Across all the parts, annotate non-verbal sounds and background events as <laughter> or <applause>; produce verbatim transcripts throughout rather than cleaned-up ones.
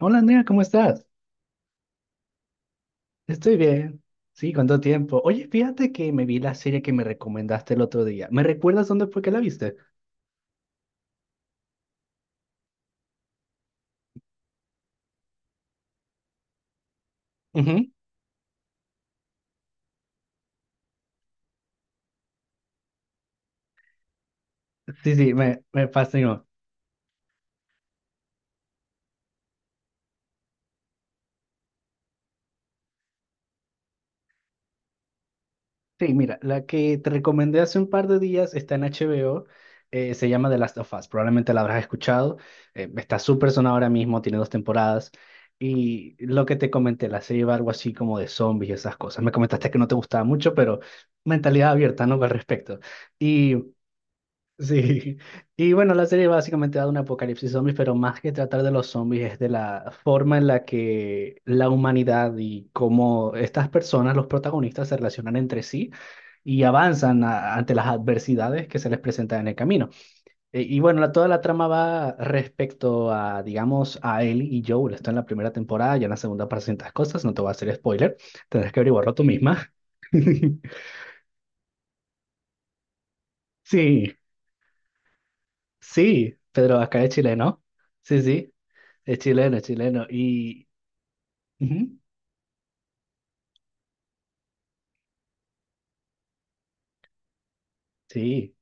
Hola Andrea, ¿cómo estás? Estoy bien. Sí, ¿cuánto tiempo? Oye, fíjate que me vi la serie que me recomendaste el otro día. ¿Me recuerdas dónde fue que la viste? Ujú. Sí, sí, me, me fascinó. Sí, mira, la que te recomendé hace un par de días está en H B O. Eh, se llama The Last of Us, probablemente la habrás escuchado. Eh, está súper sonada ahora mismo, tiene dos temporadas, y lo que te comenté, la serie va algo así como de zombies y esas cosas. Me comentaste que no te gustaba mucho, pero mentalidad abierta, ¿no? Al respecto. y Sí, y bueno, la serie básicamente da un apocalipsis zombies, pero más que tratar de los zombies es de la forma en la que la humanidad y cómo estas personas, los protagonistas, se relacionan entre sí y avanzan a- ante las adversidades que se les presentan en el camino. E- y bueno, la- toda la trama va respecto a, digamos, a Ellie y Joel. Está en la primera temporada, ya en la segunda para ciertas cosas, no te voy a hacer spoiler, tendrás que averiguarlo tú misma. <laughs> Sí, sí, Pedro Acá de Chile, ¿no? Sí, sí. Es chileno, es chileno. Y Ujú. Sí,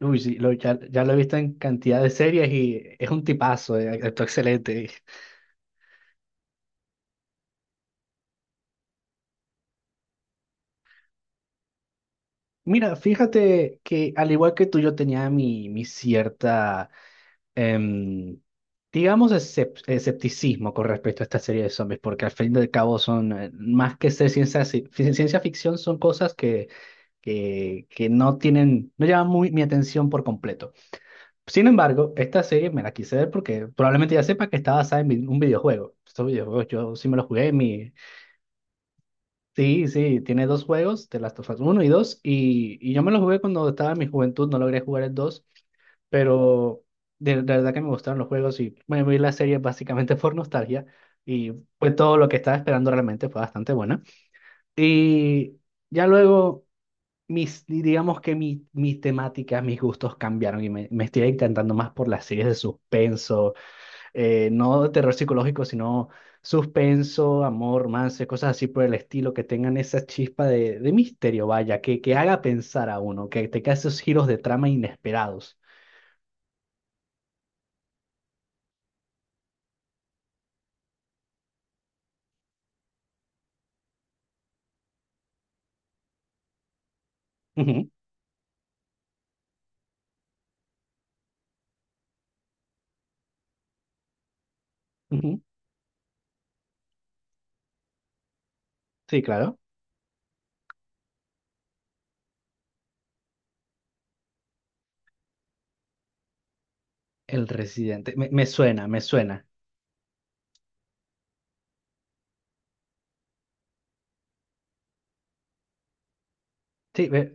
uy, sí, lo- ya, ya lo he visto en cantidad de series y es un tipazo. Eh, actúa excelente. Mira, fíjate que al igual que tú, yo tenía mi, mi cierta, em, digamos, escep- escepticismo con respecto a esta serie de zombies, porque al fin y al cabo son, eh, más que ser ciencia, ci- fi- ciencia ficción, son cosas que, que, que no tienen, no llaman muy mi atención por completo. Sin embargo, esta serie me la quise ver porque probablemente ya sepa que está basada en vi- un videojuego. Estos videojuegos yo sí me los jugué en mi... Sí, sí, tiene dos juegos, The Last of Us uno y dos y, y yo me los jugué cuando estaba en mi juventud, no logré jugar el dos, pero de, de verdad que me gustaron los juegos y me vi la serie básicamente <laughs> por nostalgia y fue todo lo que estaba esperando realmente, fue bastante buena. Y ya luego, mis, digamos que mi, mis temáticas, mis gustos cambiaron y me, me estoy encantando más por las series de suspenso. Eh, no de terror psicológico, sino suspenso, amor, romance, cosas así por el estilo, que tengan esa chispa de, de misterio, vaya, que, que haga pensar a uno, que tenga esos giros de trama inesperados. Ujú, ujú. Sí, claro. El residente. Me, me suena, me suena. Sí, me- o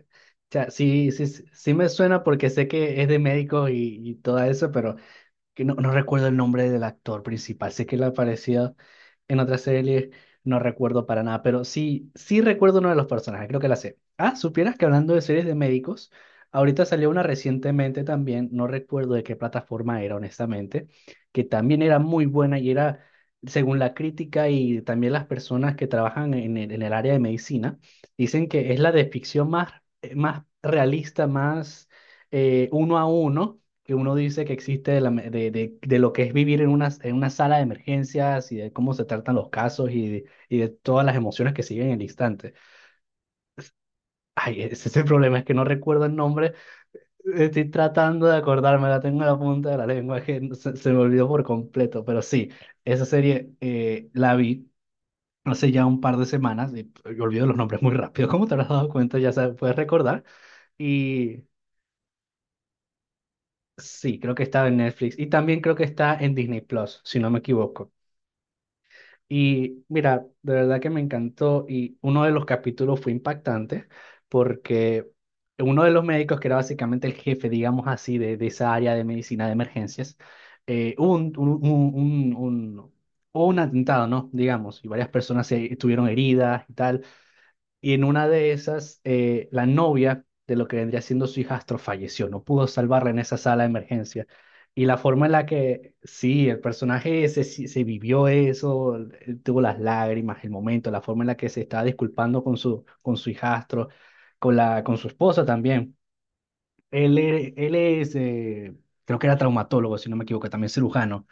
sea, sí, sí, sí sí me suena porque sé que es de médicos y, y todo eso, pero que no, no recuerdo el nombre del actor principal, sé que él aparecía en otra serie, no recuerdo para nada, pero sí, sí recuerdo uno de los personajes, creo que la sé. Ah, supieras que hablando de series de médicos, ahorita salió una recientemente también, no recuerdo de qué plataforma era, honestamente, que también era muy buena y era, según la crítica y también las personas que trabajan en el, en el área de medicina, dicen que es la de ficción más, eh, más realista, más eh, uno a uno que uno dice que existe de, la me- de- de- de lo que es vivir en una, en una sala de emergencias y de cómo se tratan los casos y de, y de todas las emociones que siguen en el instante. Ay, e, ese es el problema, es que no recuerdo el nombre, estoy tratando de acordarme, la tengo en la punta de la lengua, que no- se, se me olvidó por completo, pero sí, esa serie eh, la vi hace ya un par de semanas y pues, yo olvido los nombres muy rápido, como te habrás dado cuenta, ya sabes, puedes recordar. Y sí, creo que estaba en Netflix y también creo que está en Disney Plus, si no me equivoco. Y mira, de verdad que me encantó y uno de los capítulos fue impactante, porque uno de los médicos, que era básicamente el jefe, digamos así, de, de esa área de medicina de emergencias, eh, hubo un, un, un, un, un- hubo un atentado, ¿no? Digamos, y varias personas se, estuvieron heridas y tal. Y en una de esas, eh, la novia de lo que vendría siendo su hijastro falleció, no pudo salvarla en esa sala de emergencia. Y la forma en la que, sí, el personaje ese sí se vivió eso, él tuvo las lágrimas, el momento, la forma en la que se estaba disculpando con su, con su hijastro, con, la, con su esposa también. Él, e- él es, eh, creo que era traumatólogo, si no me equivoco, también cirujano.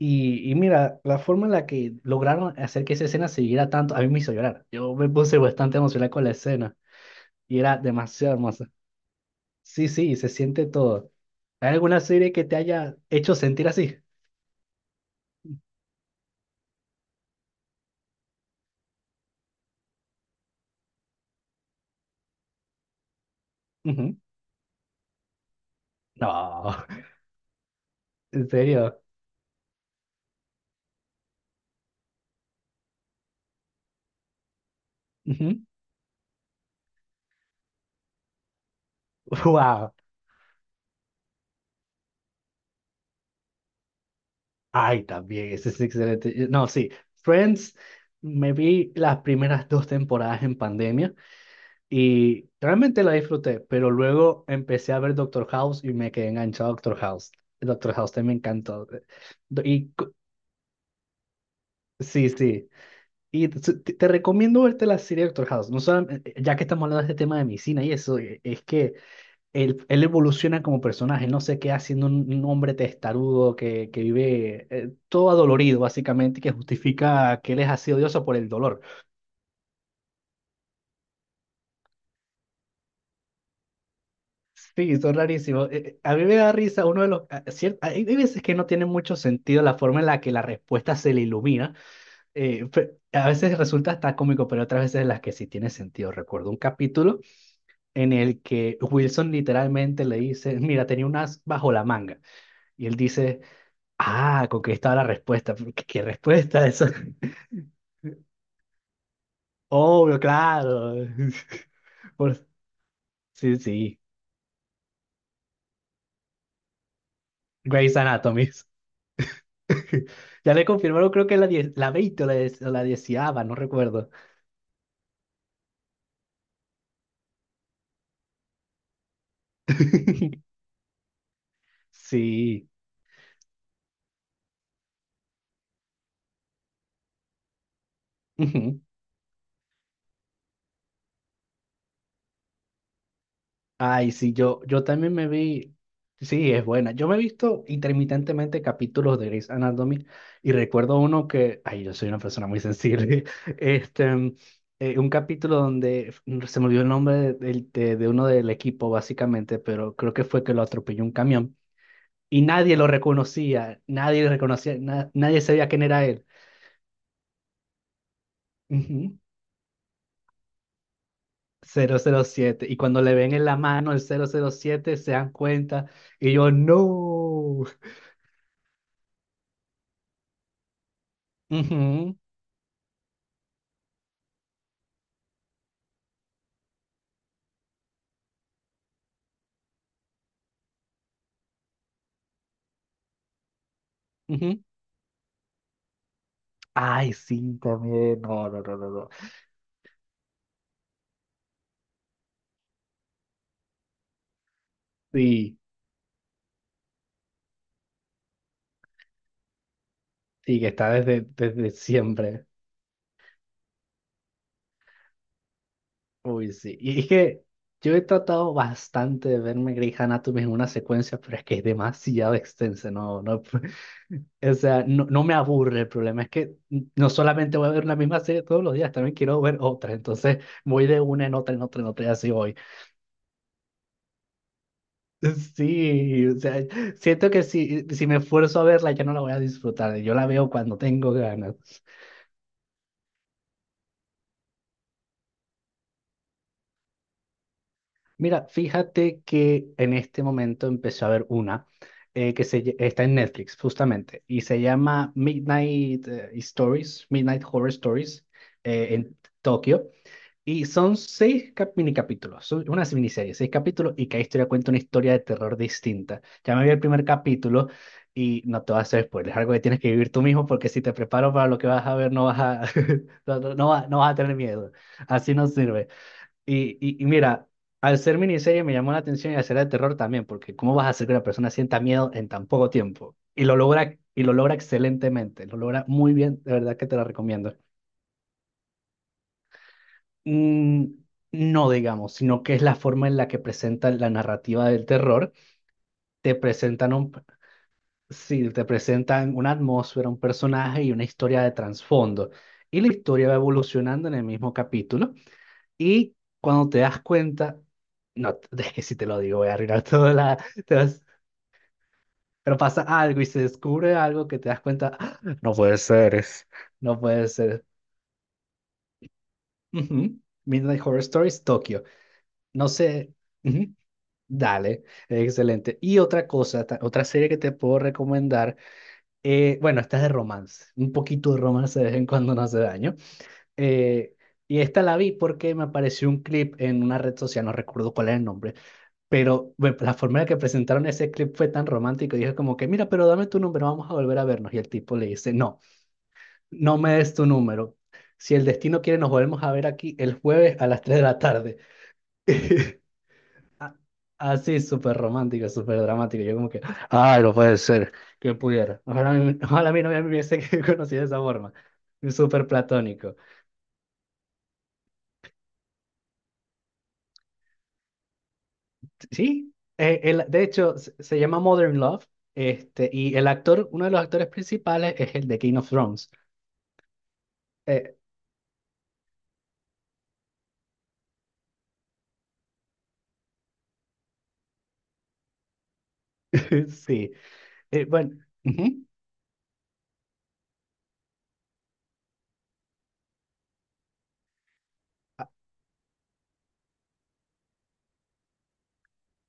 Y, y mira, la forma en la que lograron hacer que esa escena se siguiera tanto, a mí me hizo llorar. Yo me puse bastante emocional con la escena y era demasiado hermosa. Sí, sí, se siente todo. ¿Hay alguna serie que te haya hecho sentir así? Ujú. No, <laughs> en serio. Ujú. Wow. Ay, también, ese es excelente. Eh, No, sí. Friends, me vi las primeras dos temporadas en pandemia y realmente la disfruté, pero luego empecé a ver Doctor House y me quedé enganchado a Doctor House. Doctor House también me encantó. Eh, Do- Y cu- sí, sí. Y te, te- te recomiendo verte la serie Doctor House. No solam- eh, Ya que estamos hablando de este tema de medicina y eso, eh, es que él, él evoluciona como personaje, él no se queda siendo un, un hombre testarudo que, que vive eh, todo adolorido, básicamente, que justifica que él es así odioso por el dolor. Sí, son rarísimos. Eh, eh, a mí me da risa, uno de los... a- cier- hay hay veces que no tiene mucho sentido la forma en la que la respuesta se le ilumina. Eh, pe- a veces resulta hasta cómico, pero otras veces en las que sí tiene sentido. Recuerdo un capítulo en el que Wilson literalmente le dice, mira, tenía un as bajo la manga. Y él dice, ah, con que estaba la respuesta. ¿Qué, qué respuesta eso? <laughs> Obvio, claro. <laughs> Por- Sí, sí. Grey's Anatomy. <laughs> Ya le confirmaron, creo que la, die- la veinte o la, die- o la diez, no recuerdo. <laughs> Sí. Ujú. Ay, sí, yo, yo también me vi, sí, es buena. Yo me he visto intermitentemente capítulos de Grey's Anatomy y recuerdo uno que, ay, yo soy una persona muy sensible. <laughs> Este, eh, un capítulo donde f- se me olvidó el nombre de, del- de, de uno del equipo, básicamente, pero creo que fue que lo atropelló un camión y nadie lo reconocía, nadie lo reconocía, na- nadie sabía quién era él. Ujú, cero cero siete. Y cuando le ven en la mano el cero cero siete se dan cuenta, y yo, no. Ujú, ujú. Ay, sí, también. No, no, no, no, no. Sí, sí, que está desde, desde siempre. Uy, sí. Y es que yo he tratado bastante de verme Grey's Anatomy en una secuencia, pero es que es demasiado extensa. No, no. <laughs> O sea, no, no me aburre. El problema es que no solamente voy a ver la misma serie todos los días, también quiero ver otra. Entonces voy de una en otra, en otra, en otra, y así voy. <laughs> Sí, o sea, siento que si, si me esfuerzo a verla, ya no la voy a disfrutar. Yo la veo cuando tengo ganas. Mira, fíjate que en este momento empecé a ver una, eh, que se, lle- está en Netflix justamente y se llama Midnight eh, Stories, Midnight Horror Stories, eh, en Tokio, y son seis cap- mini capítulos, son una miniserie, seis capítulos, y cada historia cuenta una historia de terror distinta. Ya me vi el primer capítulo y no te vas a hacer spoilers, es algo que tienes que vivir tú mismo, porque si te preparo para lo que vas a ver no vas a, <laughs> no, no no vas no vas a tener miedo, así no sirve. Y, y, y mira, al ser miniserie me llamó la atención y al ser de terror también, porque ¿cómo vas a hacer que una persona sienta miedo en tan poco tiempo? Y lo logra, y lo logra excelentemente, lo logra muy bien, de verdad que te la recomiendo. Mm, no, digamos, sino que es la forma en la que presentan la narrativa del terror. Te presentan un, sí, te presentan una atmósfera, un personaje y una historia de trasfondo. Y la historia va evolucionando en el mismo capítulo. Y cuando te das cuenta, no, <laughs> es que si te lo digo, voy a arruinar toda la... te vas- pero pasa algo y se descubre algo que te das cuenta, "Ah, no puede ser, es- no puede ser". Ujú. Midnight Horror Stories, Tokio. No sé, ujú. Dale, excelente. Y otra cosa, ta- otra serie que te puedo recomendar. Eh, bueno, esta es de romance, un poquito de romance de vez en cuando no hace daño. Eh, y esta la vi porque me apareció un clip en una red social, no recuerdo cuál es el nombre. Pero me- la forma en la que presentaron ese clip fue tan romántico. Dije como que, mira, pero dame tu número, vamos a volver a vernos. Y el tipo le dice, no, no me des tu número. Si el destino quiere, nos volvemos a ver aquí el jueves a las tres de la tarde. <laughs> A- Así, súper romántico, súper dramático. Yo como que, ay, no puede ser, que pudiera. Ojalá, <laughs> mi- ojalá mi novia me hubiese <laughs> conocido de esa forma. Súper platónico. Sí, eh, el- de hecho, se, se llama Modern Love. Este, y el actor, uno de los actores principales es el de Game of Thrones. Eh, <laughs> sí. Eh, bueno, ujú.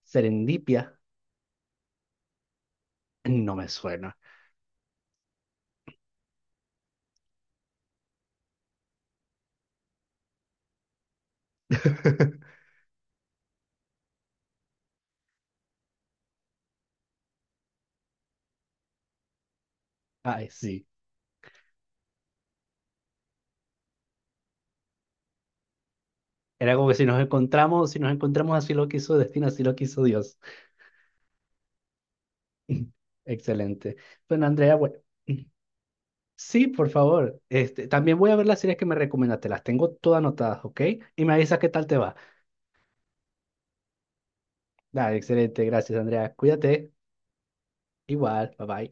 Serendipia no me suena. <laughs> Ay, sí. Era como que si nos encontramos, si nos encontramos, así lo quiso el destino, así lo quiso Dios. Excelente. Bueno, Andrea, bueno, sí, por favor. Este, también voy a ver las series que me recomendaste. Las tengo todas anotadas, ¿ok? Y me avisas qué tal te va. Dale, excelente. Gracias, Andrea. Cuídate. Igual. Bye bye.